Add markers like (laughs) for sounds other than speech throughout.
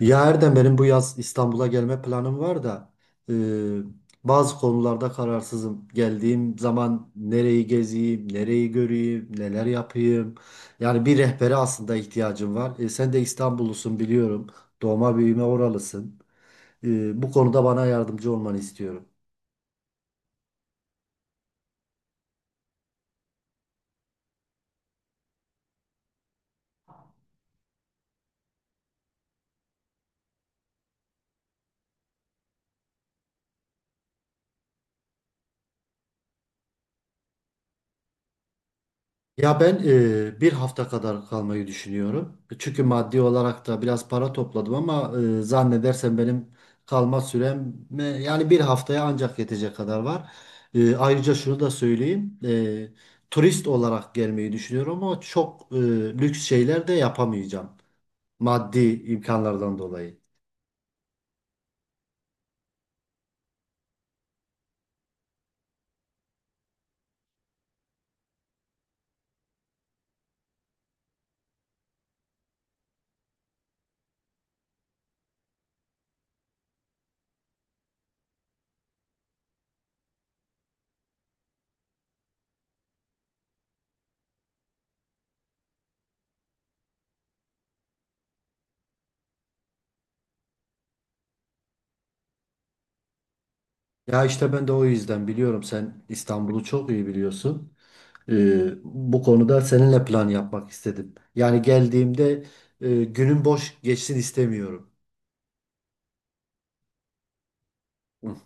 Ya Erdem benim bu yaz İstanbul'a gelme planım var da e, bazı konularda kararsızım. Geldiğim zaman nereyi gezeyim, nereyi göreyim, neler yapayım. Yani bir rehbere aslında ihtiyacım var. Sen de İstanbullusun biliyorum. Doğma büyüme oralısın. Bu konuda bana yardımcı olmanı istiyorum. Ya ben bir hafta kadar kalmayı düşünüyorum. Çünkü maddi olarak da biraz para topladım ama zannedersem benim kalma sürem yani bir haftaya ancak yetecek kadar var. Ayrıca şunu da söyleyeyim. Turist olarak gelmeyi düşünüyorum ama çok lüks şeyler de yapamayacağım. Maddi imkanlardan dolayı. Ya işte ben de o yüzden biliyorum, sen İstanbul'u çok iyi biliyorsun. Bu konuda seninle plan yapmak istedim. Yani geldiğimde günün boş geçsin istemiyorum. Hı,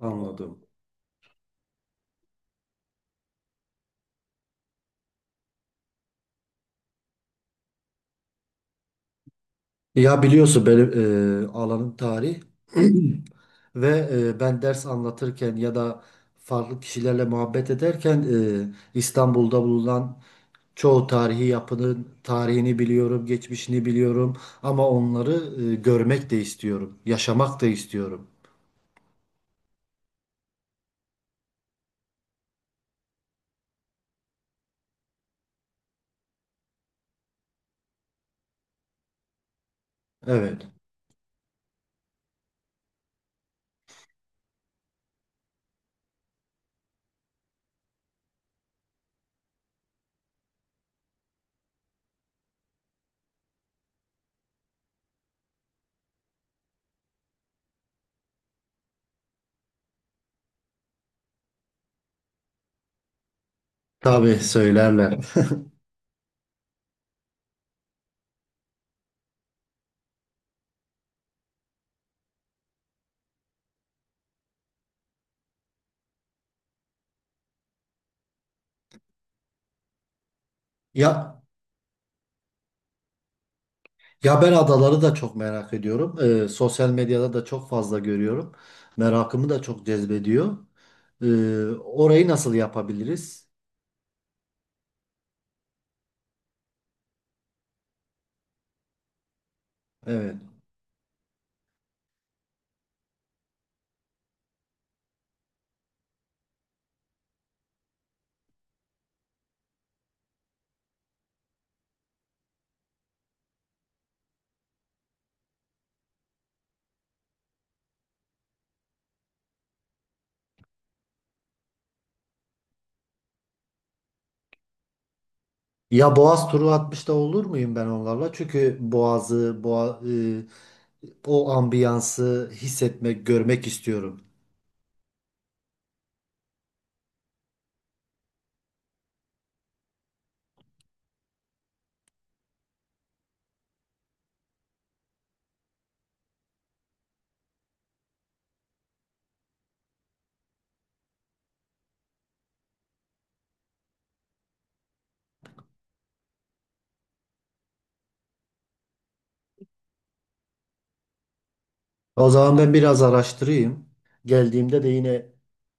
anladım. Ya biliyorsun benim alanım tarih ve ben ders anlatırken ya da farklı kişilerle muhabbet ederken e, İstanbul'da bulunan çoğu tarihi yapının tarihini biliyorum, geçmişini biliyorum, ama onları görmek de istiyorum, yaşamak da istiyorum. Evet, tabii söylerler. Ya Ya ben adaları da çok merak ediyorum. Sosyal medyada da çok fazla görüyorum. Merakımı da çok cezbediyor. Ee, Orayı nasıl yapabiliriz? Evet. Ya Boğaz turu atmış da olur muyum ben onlarla? Çünkü Boğaz'ı, o ambiyansı hissetmek, görmek istiyorum. O zaman ben biraz araştırayım. Geldiğimde de yine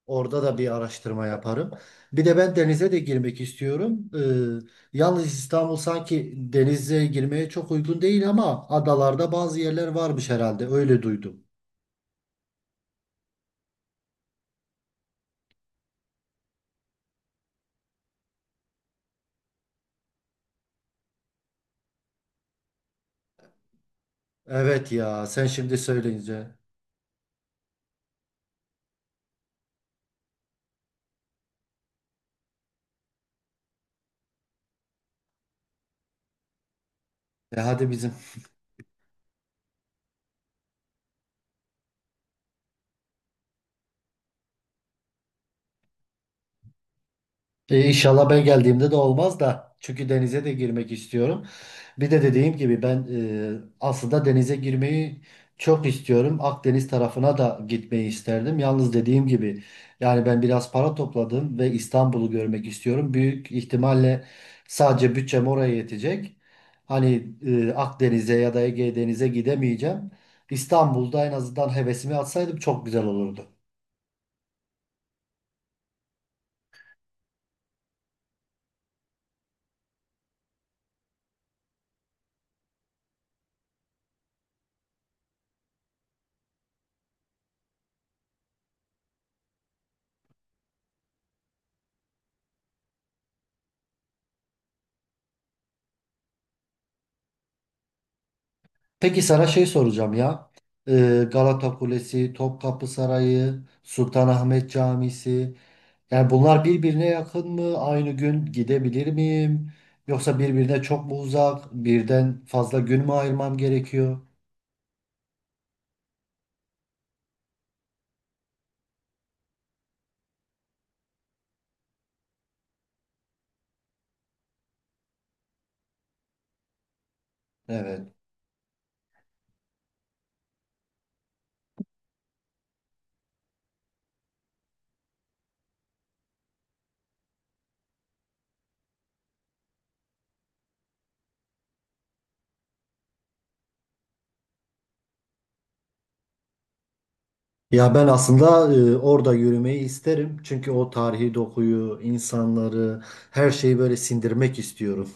orada da bir araştırma yaparım. Bir de ben denize de girmek istiyorum. Yalnız İstanbul sanki denize girmeye çok uygun değil ama adalarda bazı yerler varmış herhalde. Öyle duydum. Evet ya, sen şimdi söyleyince. E hadi bizim. İnşallah ben geldiğimde de olmaz da. Çünkü denize de girmek istiyorum. Bir de dediğim gibi ben aslında denize girmeyi çok istiyorum. Akdeniz tarafına da gitmeyi isterdim. Yalnız dediğim gibi yani ben biraz para topladım ve İstanbul'u görmek istiyorum. Büyük ihtimalle sadece bütçem oraya yetecek. Hani Akdeniz'e ya da Ege Deniz'e gidemeyeceğim. İstanbul'da en azından hevesimi atsaydım çok güzel olurdu. Peki sana şey soracağım ya. Galata Kulesi, Topkapı Sarayı, Sultanahmet Camisi. Yani bunlar birbirine yakın mı? Aynı gün gidebilir miyim? Yoksa birbirine çok mu uzak? Birden fazla gün mü ayırmam gerekiyor? Evet. Ya ben aslında orada yürümeyi isterim. Çünkü o tarihi dokuyu, insanları, her şeyi böyle sindirmek istiyorum.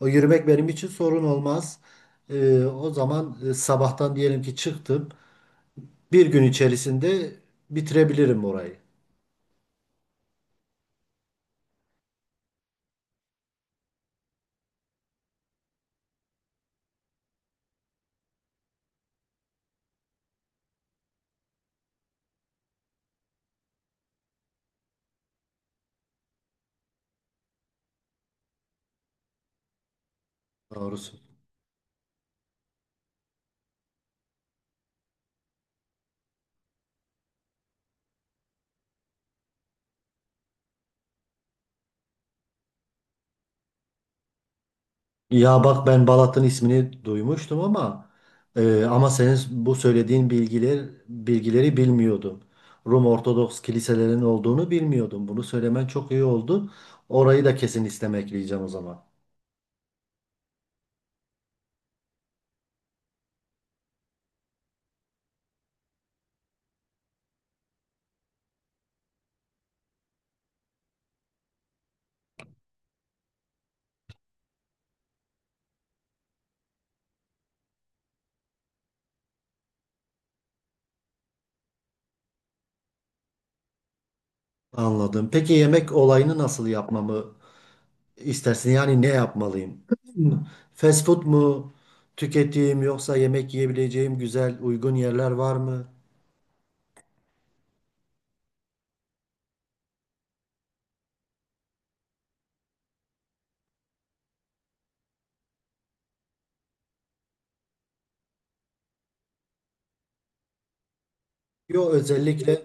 O yürümek benim için sorun olmaz. O zaman sabahtan diyelim ki çıktım. Bir gün içerisinde bitirebilirim orayı doğrusu. Ya bak, ben Balat'ın ismini duymuştum ama ama senin bu söylediğin bilgileri bilmiyordum. Rum Ortodoks kiliselerinin olduğunu bilmiyordum. Bunu söylemen çok iyi oldu. Orayı da kesin istemekleyeceğim o zaman. Anladım. Peki yemek olayını nasıl yapmamı istersin? Yani ne yapmalıyım? (clears throat) Fast food mu tüketeyim, yoksa yemek yiyebileceğim güzel uygun yerler var mı? Yok özellikle.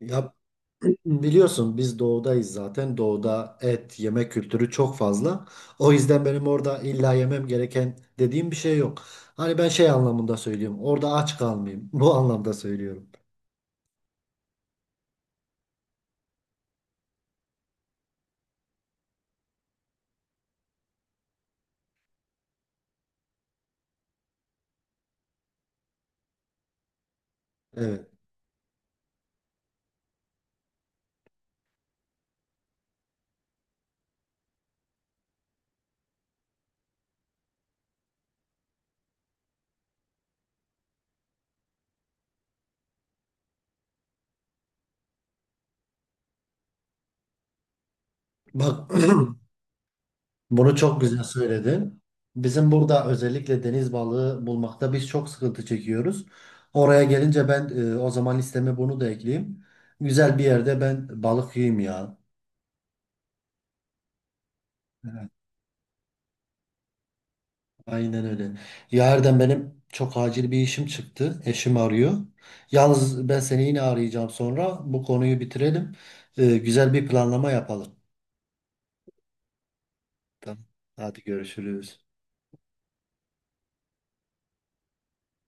Ya biliyorsun, biz doğudayız zaten. Doğuda et, yemek kültürü çok fazla. O yüzden benim orada illa yemem gereken dediğim bir şey yok. Hani ben şey anlamında söylüyorum. Orada aç kalmayayım. (laughs) Bu anlamda söylüyorum. Evet. Bak, (clears throat) bunu çok güzel söyledin. Bizim burada özellikle deniz balığı bulmakta biz çok sıkıntı çekiyoruz. Oraya gelince ben o zaman listeme bunu da ekleyeyim. Güzel bir yerde ben balık yiyeyim ya. Aynen öyle. Ya benim çok acil bir işim çıktı. Eşim arıyor. Yalnız ben seni yine arayacağım sonra. Bu konuyu bitirelim. Güzel bir planlama yapalım. Tamam. Hadi görüşürüz.